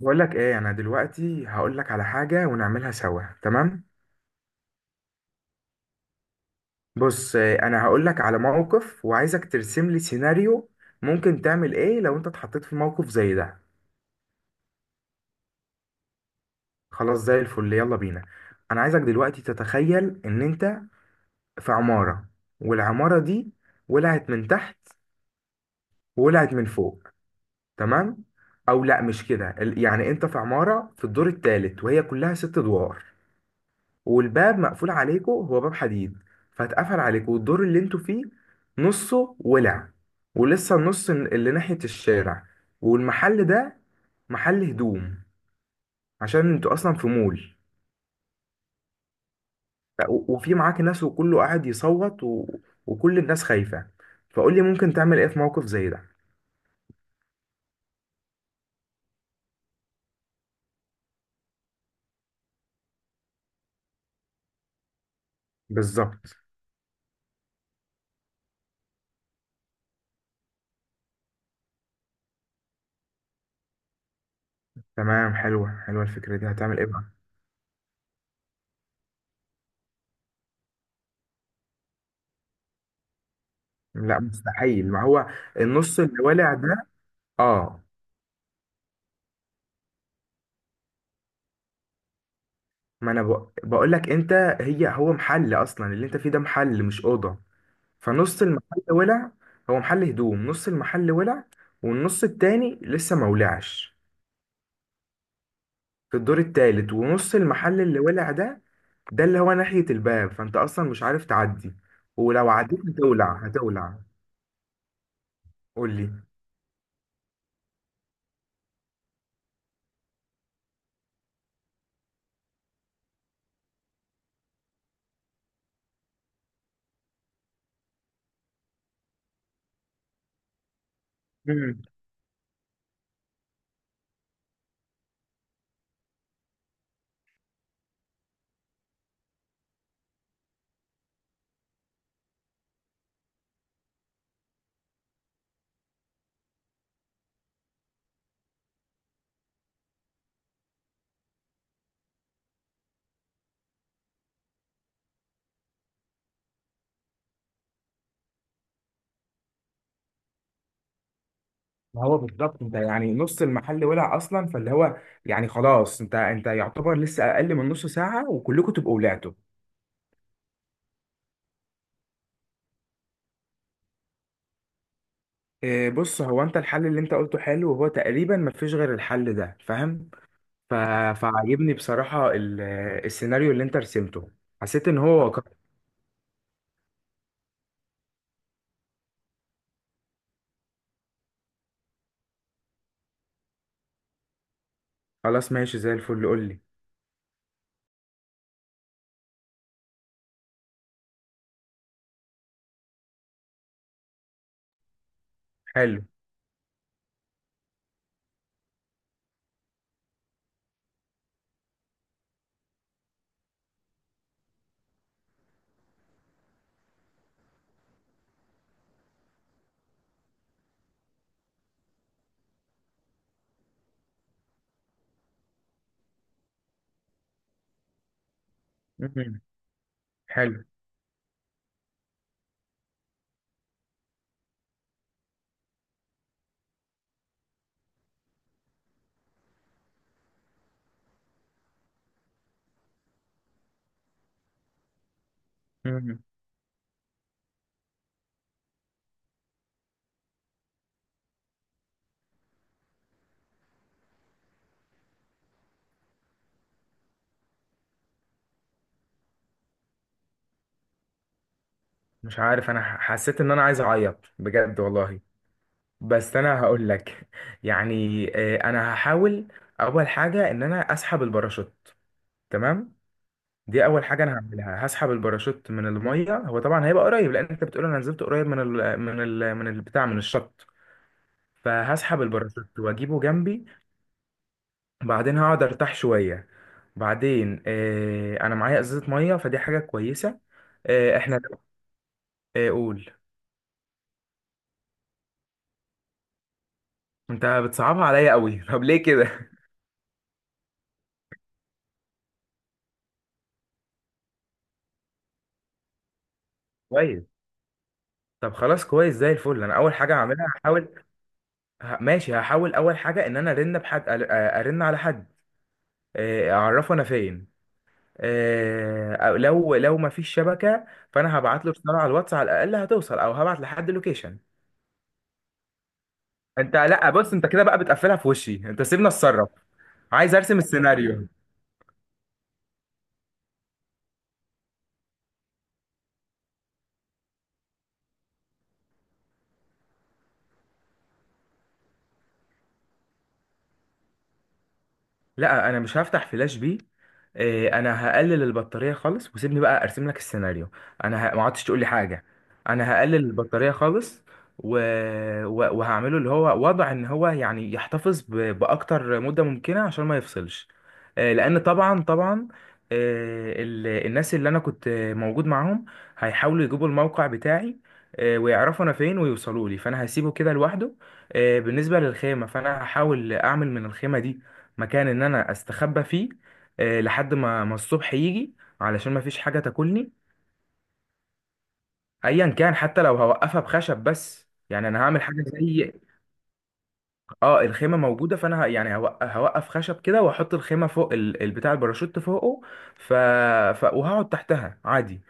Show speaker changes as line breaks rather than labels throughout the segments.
بقول لك ايه انا دلوقتي هقول لك على حاجه ونعملها سوا تمام. بص انا هقول لك على موقف وعايزك ترسم لي سيناريو. ممكن تعمل ايه لو انت اتحطيت في موقف زي ده؟ خلاص زي الفل يلا بينا. انا عايزك دلوقتي تتخيل ان انت في عماره والعماره دي ولعت من تحت وولعت من فوق تمام. او لا مش كده يعني انت في عماره في الدور الثالث وهي كلها 6 ادوار. والباب مقفول عليكم، هو باب حديد فاتقفل عليكم، والدور اللي انتوا فيه نصه ولع ولسه النص اللي ناحية الشارع والمحل ده محل هدوم عشان انتوا اصلا في مول. وفي معاك ناس وكله قاعد يصوت وكل الناس خايفة، فقول لي ممكن تعمل ايه في موقف زي ده؟ بالظبط. تمام، حلوة حلوة الفكرة دي، هتعمل ايه بقى؟ لا مستحيل، ما هو النص اللي ولع ده. اه. ما انا بقول لك انت. هو محل اصلا، اللي انت فيه ده محل مش اوضه. فنص المحل ولع، هو محل هدوم، نص المحل ولع والنص التاني لسه ما ولعش. في الدور التالت، ونص المحل اللي ولع ده اللي هو ناحية الباب، فانت اصلا مش عارف تعدي، ولو عديت هتولع هتولع. قول لي. امم. هو بالظبط انت يعني نص المحل ولع اصلا فاللي هو يعني خلاص، انت يعتبر لسه اقل من نص ساعه وكلكم تبقوا ولعتوا. إيه، بص هو انت الحل اللي انت قلته حلو، وهو تقريبا مفيش غير الحل ده، فاهم. ف... فعجبني بصراحة السيناريو اللي انت رسمته، حسيت ان هو واقع. خلاص ماشي زي الفل، قول لي. حلو. مهم. حلو. مهم. مش عارف، انا حسيت ان انا عايز اعيط بجد والله. بس انا هقول لك يعني، إيه، انا هحاول. اول حاجة ان انا اسحب الباراشوت. تمام. دي اول حاجه انا هعملها، هسحب الباراشوت من الميه، هو طبعا هيبقى قريب لان انت بتقول انا نزلت قريب من البتاع من الشط. فهسحب الباراشوت واجيبه جنبي وبعدين هقعد ارتاح شويه. بعدين انا معايا ازازه ميه، فدي حاجه كويسه. آه، احنا. آه، قول. انت بتصعبها عليا قوي طب ليه كده؟ كويس. طب خلاص كويس زي الفل، انا اول حاجه هعملها هحاول. ماشي، هحاول اول حاجه ان انا ارن بحد، ارن على حد. اعرفه انا فين. أو لو ما فيش شبكه فانا هبعت له رساله على الواتس على الاقل هتوصل، او هبعت لحد لوكيشن. انت لا بص، انت كده بقى بتقفلها في وشي، انت سيبنا اتصرف. عايز ارسم السيناريو. لا انا مش هفتح فلاش بي. إيه، انا هقلل البطاريه خالص وسيبني بقى ارسم لك السيناريو. انا ما عدتش تقول لي حاجه. انا هقلل البطاريه خالص و... وهعمله اللي هو وضع ان هو يعني يحتفظ باكتر مده ممكنه عشان ما يفصلش. إيه، لان طبعا طبعا. إيه، الناس اللي انا كنت موجود معاهم هيحاولوا يجيبوا الموقع بتاعي. إيه، ويعرفوا انا فين ويوصلوا لي، فانا هسيبه كده لوحده. إيه، بالنسبه للخيمه، فانا هحاول اعمل من الخيمه دي مكان ان انا استخبى فيه. لحد ما الصبح يجي، علشان ما فيش حاجه تاكلني. ايا كان، حتى لو هوقفها بخشب، بس يعني انا هعمل حاجه زي. اه، الخيمه موجوده فانا يعني هوقف خشب كده، واحط الخيمه فوق البتاع، الباراشوت فوقه. ف... وهقعد تحتها عادي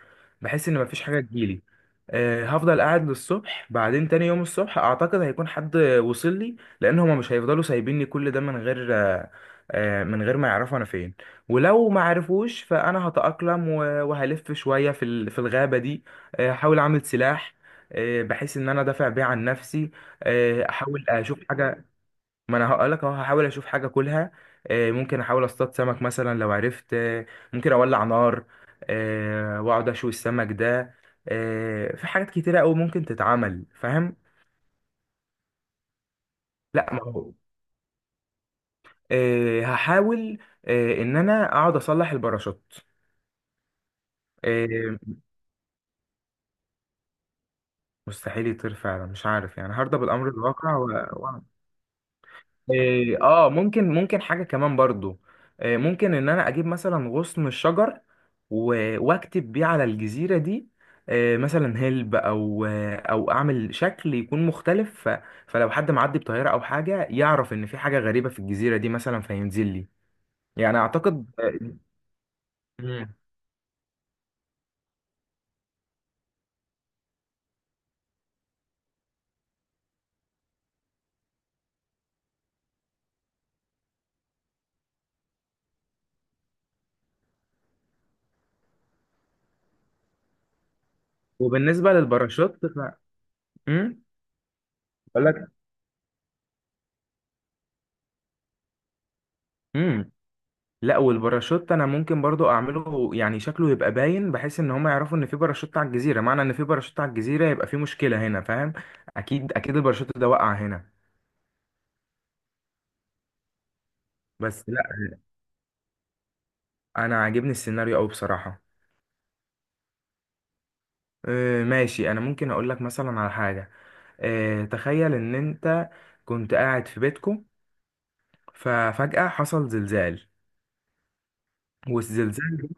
بحيث ان مفيش حاجه تجيلي. هفضل قاعد للصبح، بعدين تاني يوم الصبح اعتقد هيكون حد وصل لي، لان هما مش هيفضلوا سايبيني كل ده من غير من غير ما يعرفوا انا فين. ولو ما عرفوش فانا هتأقلم وهلف شويه في في الغابه دي. احاول اعمل سلاح، بحيث ان انا دافع بيه عن نفسي. احاول اشوف حاجه. ما انا هقول لك اهو، هحاول اشوف حاجه اكلها. ممكن احاول اصطاد سمك مثلا لو عرفت. ممكن اولع نار. واقعد اشوي السمك ده. في حاجات كتيره قوي ممكن تتعمل، فاهم. لا، ما هو هحاول ان انا اقعد اصلح الباراشوت. آه، مستحيل يطير فعلا، مش عارف يعني هرضى بالامر الواقع. إيه، اه ممكن حاجة كمان برضو. إيه، ممكن ان انا اجيب مثلا غصن الشجر واكتب بيه على الجزيرة دي. إيه، مثلا هلب، او او اعمل شكل يكون مختلف فلو حد معدي بطيارة او حاجة يعرف ان في حاجة غريبة في الجزيرة دي مثلا فينزل لي. يعني اعتقد. مم. وبالنسبة للباراشوت امم. لا، والباراشوت انا ممكن برضو اعمله يعني شكله يبقى باين، بحيث ان هم يعرفوا ان في باراشوت على الجزيره، معنى ان في باراشوت على الجزيره يبقى في مشكله هنا، فاهم. اكيد اكيد الباراشوت ده وقع هنا. بس لا، انا عاجبني السيناريو قوي بصراحه. ماشي، انا ممكن اقول لك مثلا على حاجه. تخيل ان انت كنت قاعد في بيتكم، ففجاه حصل زلزال والزلزال.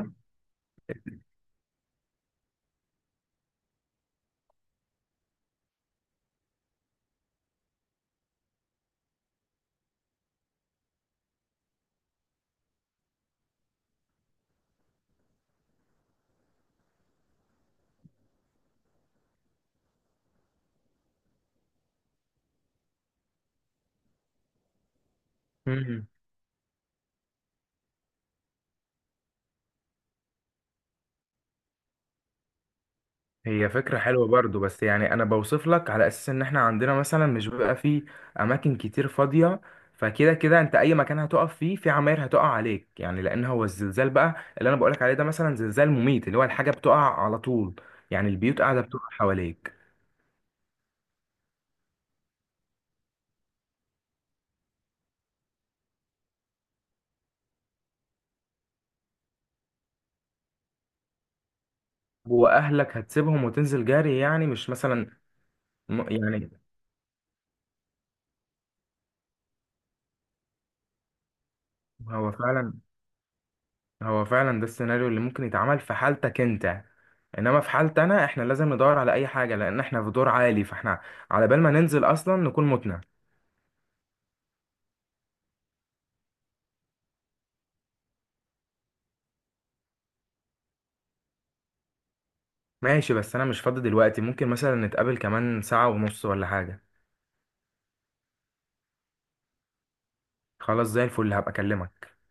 مم. هي فكرة حلوة برضو، بس يعني أنا بوصف لك على أساس إن إحنا عندنا مثلا مش بيبقى فيه أماكن كتير فاضية. فكده كده أنت أي مكان هتقف فيه في عماير هتقع عليك، يعني لأن هو الزلزال بقى اللي أنا بقولك عليه ده مثلا زلزال مميت، اللي هو الحاجة بتقع على طول. يعني البيوت قاعدة بتقع حواليك. وأهلك هتسيبهم وتنزل جري يعني، مش مثلا يعني. هو فعلا هو فعلا ده السيناريو اللي ممكن يتعمل في حالتك انت. انما في حالتي انا احنا لازم ندور على اي حاجه، لان احنا في دور عالي فاحنا على بال ما ننزل اصلا نكون متنا. ماشي، بس انا مش فاضي دلوقتي، ممكن مثلا نتقابل كمان ساعه ونص ولا حاجه. خلاص زي الفل، هبقى اكلمك.